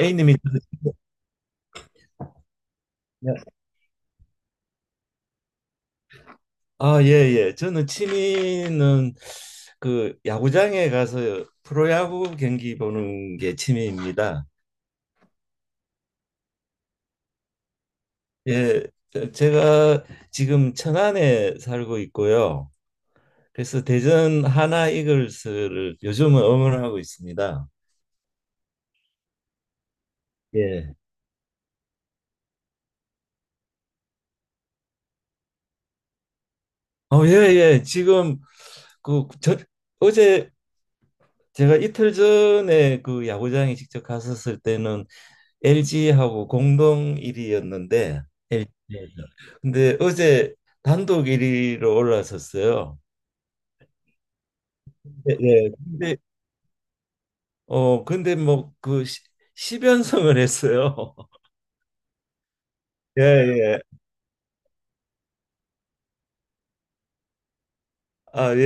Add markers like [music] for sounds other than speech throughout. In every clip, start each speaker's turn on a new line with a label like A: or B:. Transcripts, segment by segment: A: A님이 아, 예, 예. 저는 취미는 그 야구장에 가서 프로야구 경기 보는 게 취미입니다. 예, 제가 지금 천안에 살고 있고요. 그래서 대전 하나 이글스를 요즘은 응원하고 있습니다. 예. 예, 예. 지금 그 저, 어제 제가 이틀 전에 그 야구장에 직접 갔었을 때는 LG하고 공동 1위였는데 LG에서. 근데 어제 단독 1위로 올라섰어요. 네, 네. 근데 근데 뭐 그 10연승을 했어요. [laughs] 예, 예. 아, 예,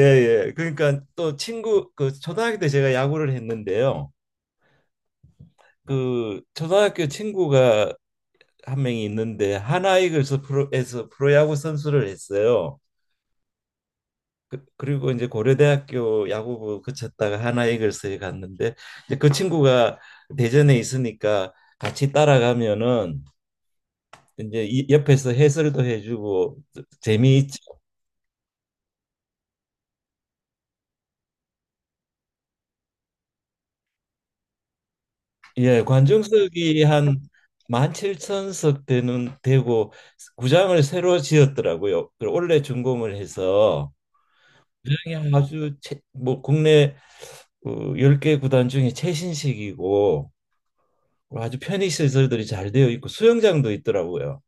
A: 예. 그러니까 또 친구 그 초등학교 때 제가 야구를 했는데요. 그 초등학교 친구가 한 명이 있는데 하나이글스 프로에서 프로야구 선수를 했어요. 그리고 이제 고려대학교 야구부 거쳤다가 하나이글스에 갔는데 이제 그 친구가 대전에 있으니까 같이 따라가면은 이제 옆에서 해설도 해주고 재미있죠. 예, 관중석이 한 17,000석 되는 되고 구장을 새로 지었더라고요. 그 원래 준공을 해서 구장이 아주 뭐 국내 그 열 10개 구단 중에 최신식이고 아주 편의 시설들이 잘 되어 있고 수영장도 있더라고요.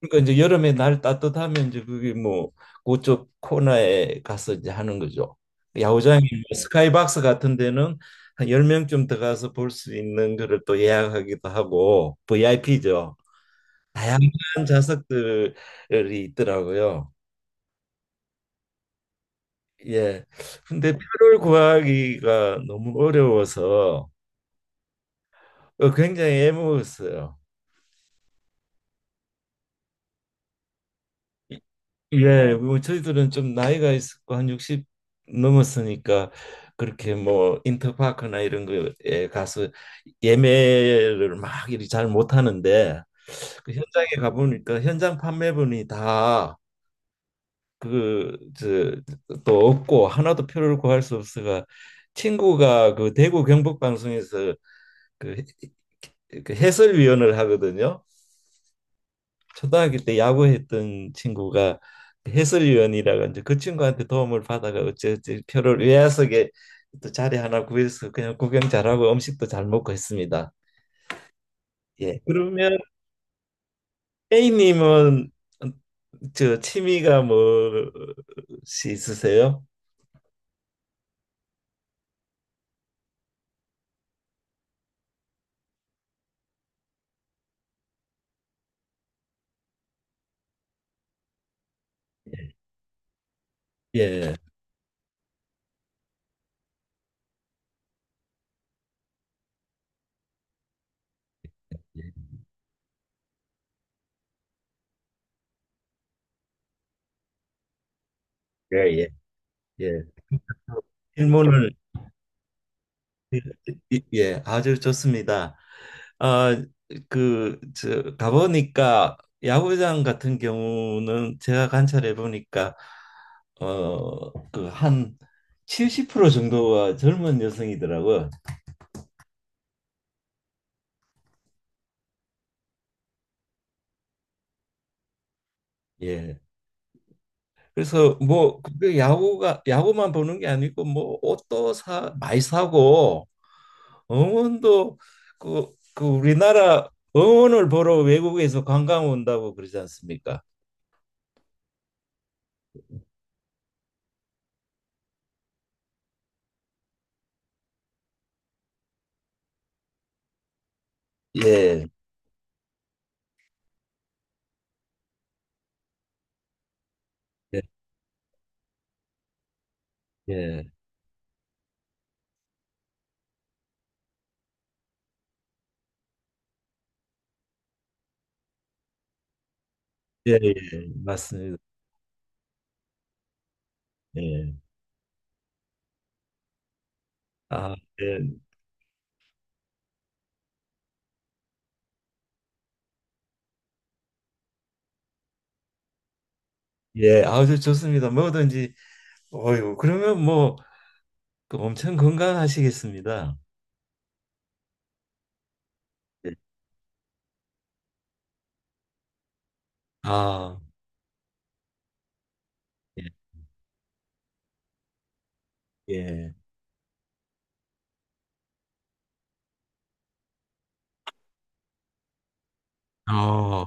A: 그러니까 이제 여름에 날 따뜻하면 이제 그게 뭐 그쪽 코너에 가서 이제 하는 거죠. 야구장이 뭐 스카이박스 같은 데는 한 10명쯤 들어가서 볼 수 있는 거를 또 예약하기도 하고 VIP죠. 다양한 좌석들이 있더라고요. 예. 근데 표를 구하기가 너무 어려워서 굉장히 애먹었어요. 예, 뭐 저희들은 좀 나이가 있고 한 60 넘었으니까 그렇게 뭐 인터파크나 이런 거에 가서 예매를 막 이리 잘 못하는데 그 현장에 가보니까 현장 판매분이 다 그 저 또 없고 하나도 표를 구할 수 없어가 친구가 그 대구 경북 방송에서 그 해설위원을 하거든요. 초등학교 때 야구했던 친구가 해설위원이라고 이제 그 친구한테 도움을 받아가 어찌어찌 표를 외야석에 또 자리 하나 구해서 그냥 구경 잘하고 음식도 잘 먹고 했습니다. 예. 그러면 A님은 저 취미가 뭐시 있으세요? 예. 예, 예, 예. 질문을 예, 아주 좋습니다. 아, 그, 저, 가보니까 야구장 같은 경우는 제가 관찰해 보니까 그 한 70% 정도가 젊은 여성이더라고요. 예. 그래서 뭐 그 야구가 야구만 보는 게 아니고 뭐 옷도 사 많이 사고 응원도 그 우리나라 응원을 보러 외국에서 관광 온다고 그러지 않습니까? 예. 예. 예. 예, 예, 맞습니다. 예. 아, 예, 예, 아주 좋습니다. 뭐든지, 어유, 그러면 뭐, 그 엄청 건강하시겠습니다. 예. 아, 예, 예, 어,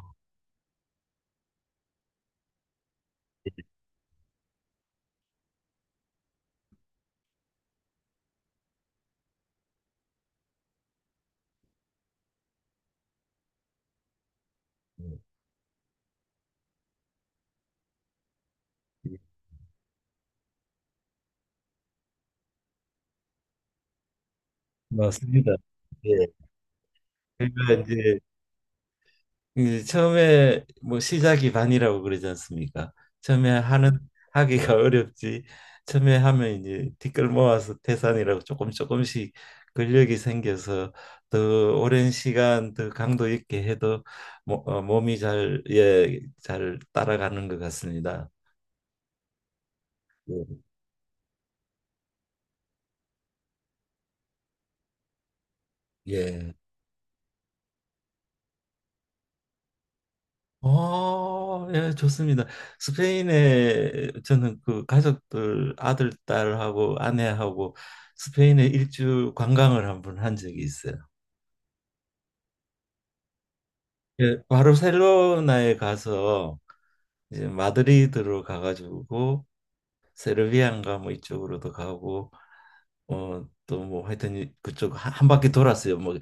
A: 예, 예. 맞습니다. 예, 그러니까 이제 예, 처음에 뭐 시작이 반이라고 그러지 않습니까? 처음에 하는 하기가 [laughs] 어렵지. 처음에 하면 이제 티끌 모아서 태산이라고 조금 조금씩 근력이 생겨서 더 오랜 시간 더 강도 있게 해도 몸이 잘, 예, 잘 따라가는 것 같습니다. 예. 예. 예, 좋습니다. 스페인에 저는 그 가족들 아들, 딸하고 아내하고 스페인에 일주 관광을 한 번 한 적이 있어요. 예, 바르셀로나에 가서 이제 마드리드로 가가지고 세르비안가 뭐 이쪽으로도 가고 또 뭐 하여튼 그쪽 한 바퀴 돌았어요. 뭐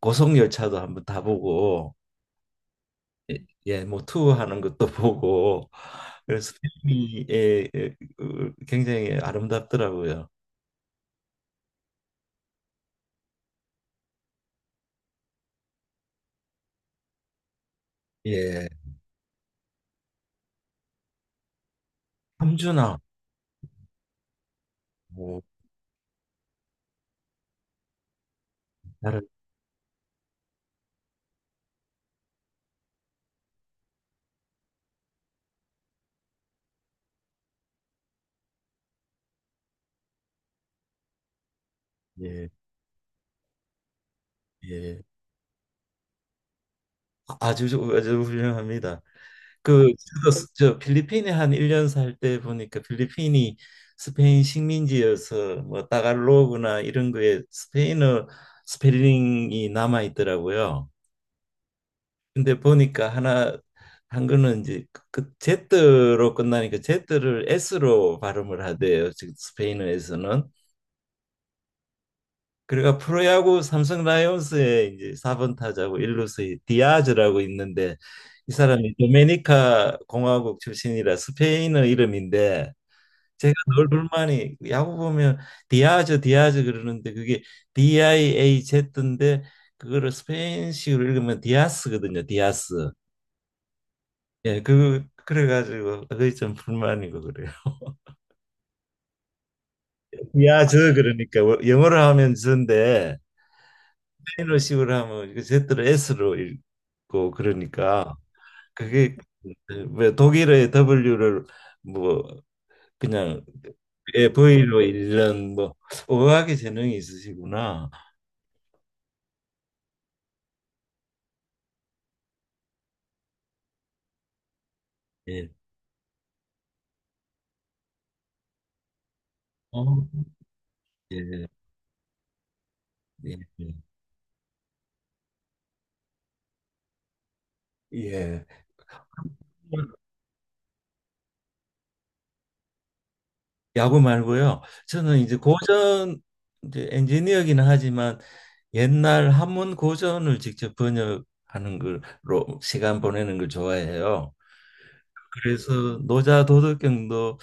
A: 고속열차도 한번 타보고 예, 뭐 투어하는 것도 보고 그래서 필름이 예, 예, 굉장히 아름답더라고요. 예, 함준아, 뭐 나를 예, 예, 아주 아주 훌륭합니다. 그 저도 저 필리핀에 한 1년 살 때 보니까 필리핀이 스페인 식민지여서 뭐 따갈로그나 이런 거에 스페인어 스펠링이 남아 있더라고요. 근데 보니까 하나 한 거는 이제 그 제트로 끝나니까 제트를 S로 발음을 하대요. 즉 스페인어에서는. 그러니까 프로야구 삼성 라이온스의 이제 4번 타자고 일루수의 디아즈라고 있는데 이 사람이 도메니카 공화국 출신이라 스페인어 이름인데 제가 늘 불만이 야구 보면 디아즈 디아즈 그러는데 그게 DIAZ인데 그거를 스페인식으로 읽으면 디아스거든요. 디아스. 예, 그 그래가지고 그게 좀 불만이고 그래요. [laughs] 야, 저 그러니까 뭐 영어로 하면 저인데 스페인어식으로 하면 이거 Z로 S로 읽고 그러니까 그게 왜 독일어의 W를 뭐 그냥 예, V로 읽는 뭐 어학의 재능이 있으시구나. 예. 어. 예. 예. 예. 예. 야구 말고요. 저는 이제 고전 이제 엔지니어기는 하지만 옛날 한문 고전을 직접 번역하는 걸로 시간 보내는 걸 좋아해요. 그래서 노자 도덕경도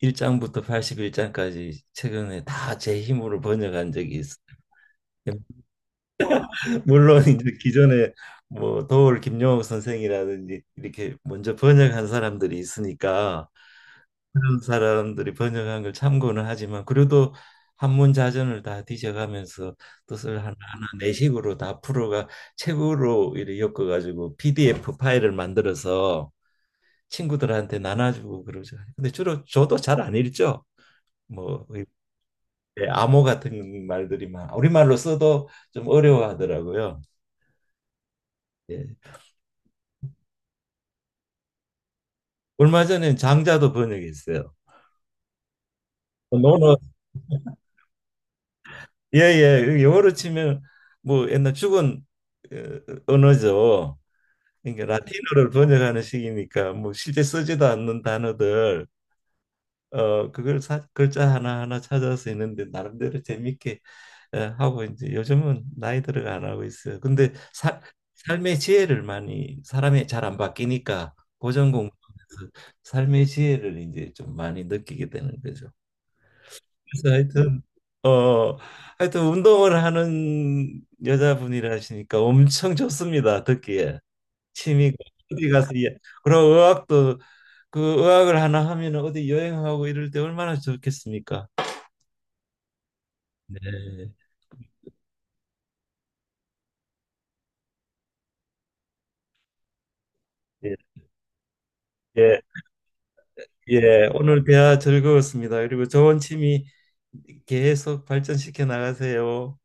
A: 1장부터 81장까지 최근에 다 제 힘으로 번역한 적이 있어요. [laughs] 물론 이제 기존에 뭐 도올 김용옥 선생이라든지 이렇게 먼저 번역한 사람들이 있으니까 그런 사람들이 번역한 걸 참고는 하지만 그래도 한문자전을 다 뒤져가면서 뜻을 하나하나 내식으로 다 풀어가 책으로 이렇게 엮어가지고 PDF 파일을 만들어서 친구들한테 나눠주고 그러죠. 근데 주로 저도 잘 안 읽죠. 뭐 예, 암호 같은 말들이 막 우리말로 써도 좀 어려워하더라고요. 예. 얼마 전에 장자도 번역했어요. 논어 예예 영어로 치면 뭐 옛날 죽은 언어죠. 그러니까 라틴어를 번역하는 시기니까 뭐 실제 쓰지도 않는 단어들 그걸 글자 하나하나 찾아서 했는데 나름대로 재밌게 하고 이제 요즘은 나이 들어가 안 하고 있어요. 근데 삶의 지혜를 많이 사람이 잘 안 바뀌니까 고전 공부하면서 삶의 지혜를 이제 좀 많이 느끼게 되는 거죠. 그래서 어 하여튼 운동을 하는 여자분이라시니까 엄청 좋습니다. 듣기에. 취미가 어디 가서 예. 그고 의학도 그 의학을 하나 하면 어디 여행하고 이럴 때 얼마나 좋겠습니까? 네. 예, 예, 예. 오늘 대화 즐거웠습니다. 그리고 좋은 취미 계속 발전시켜 나가세요.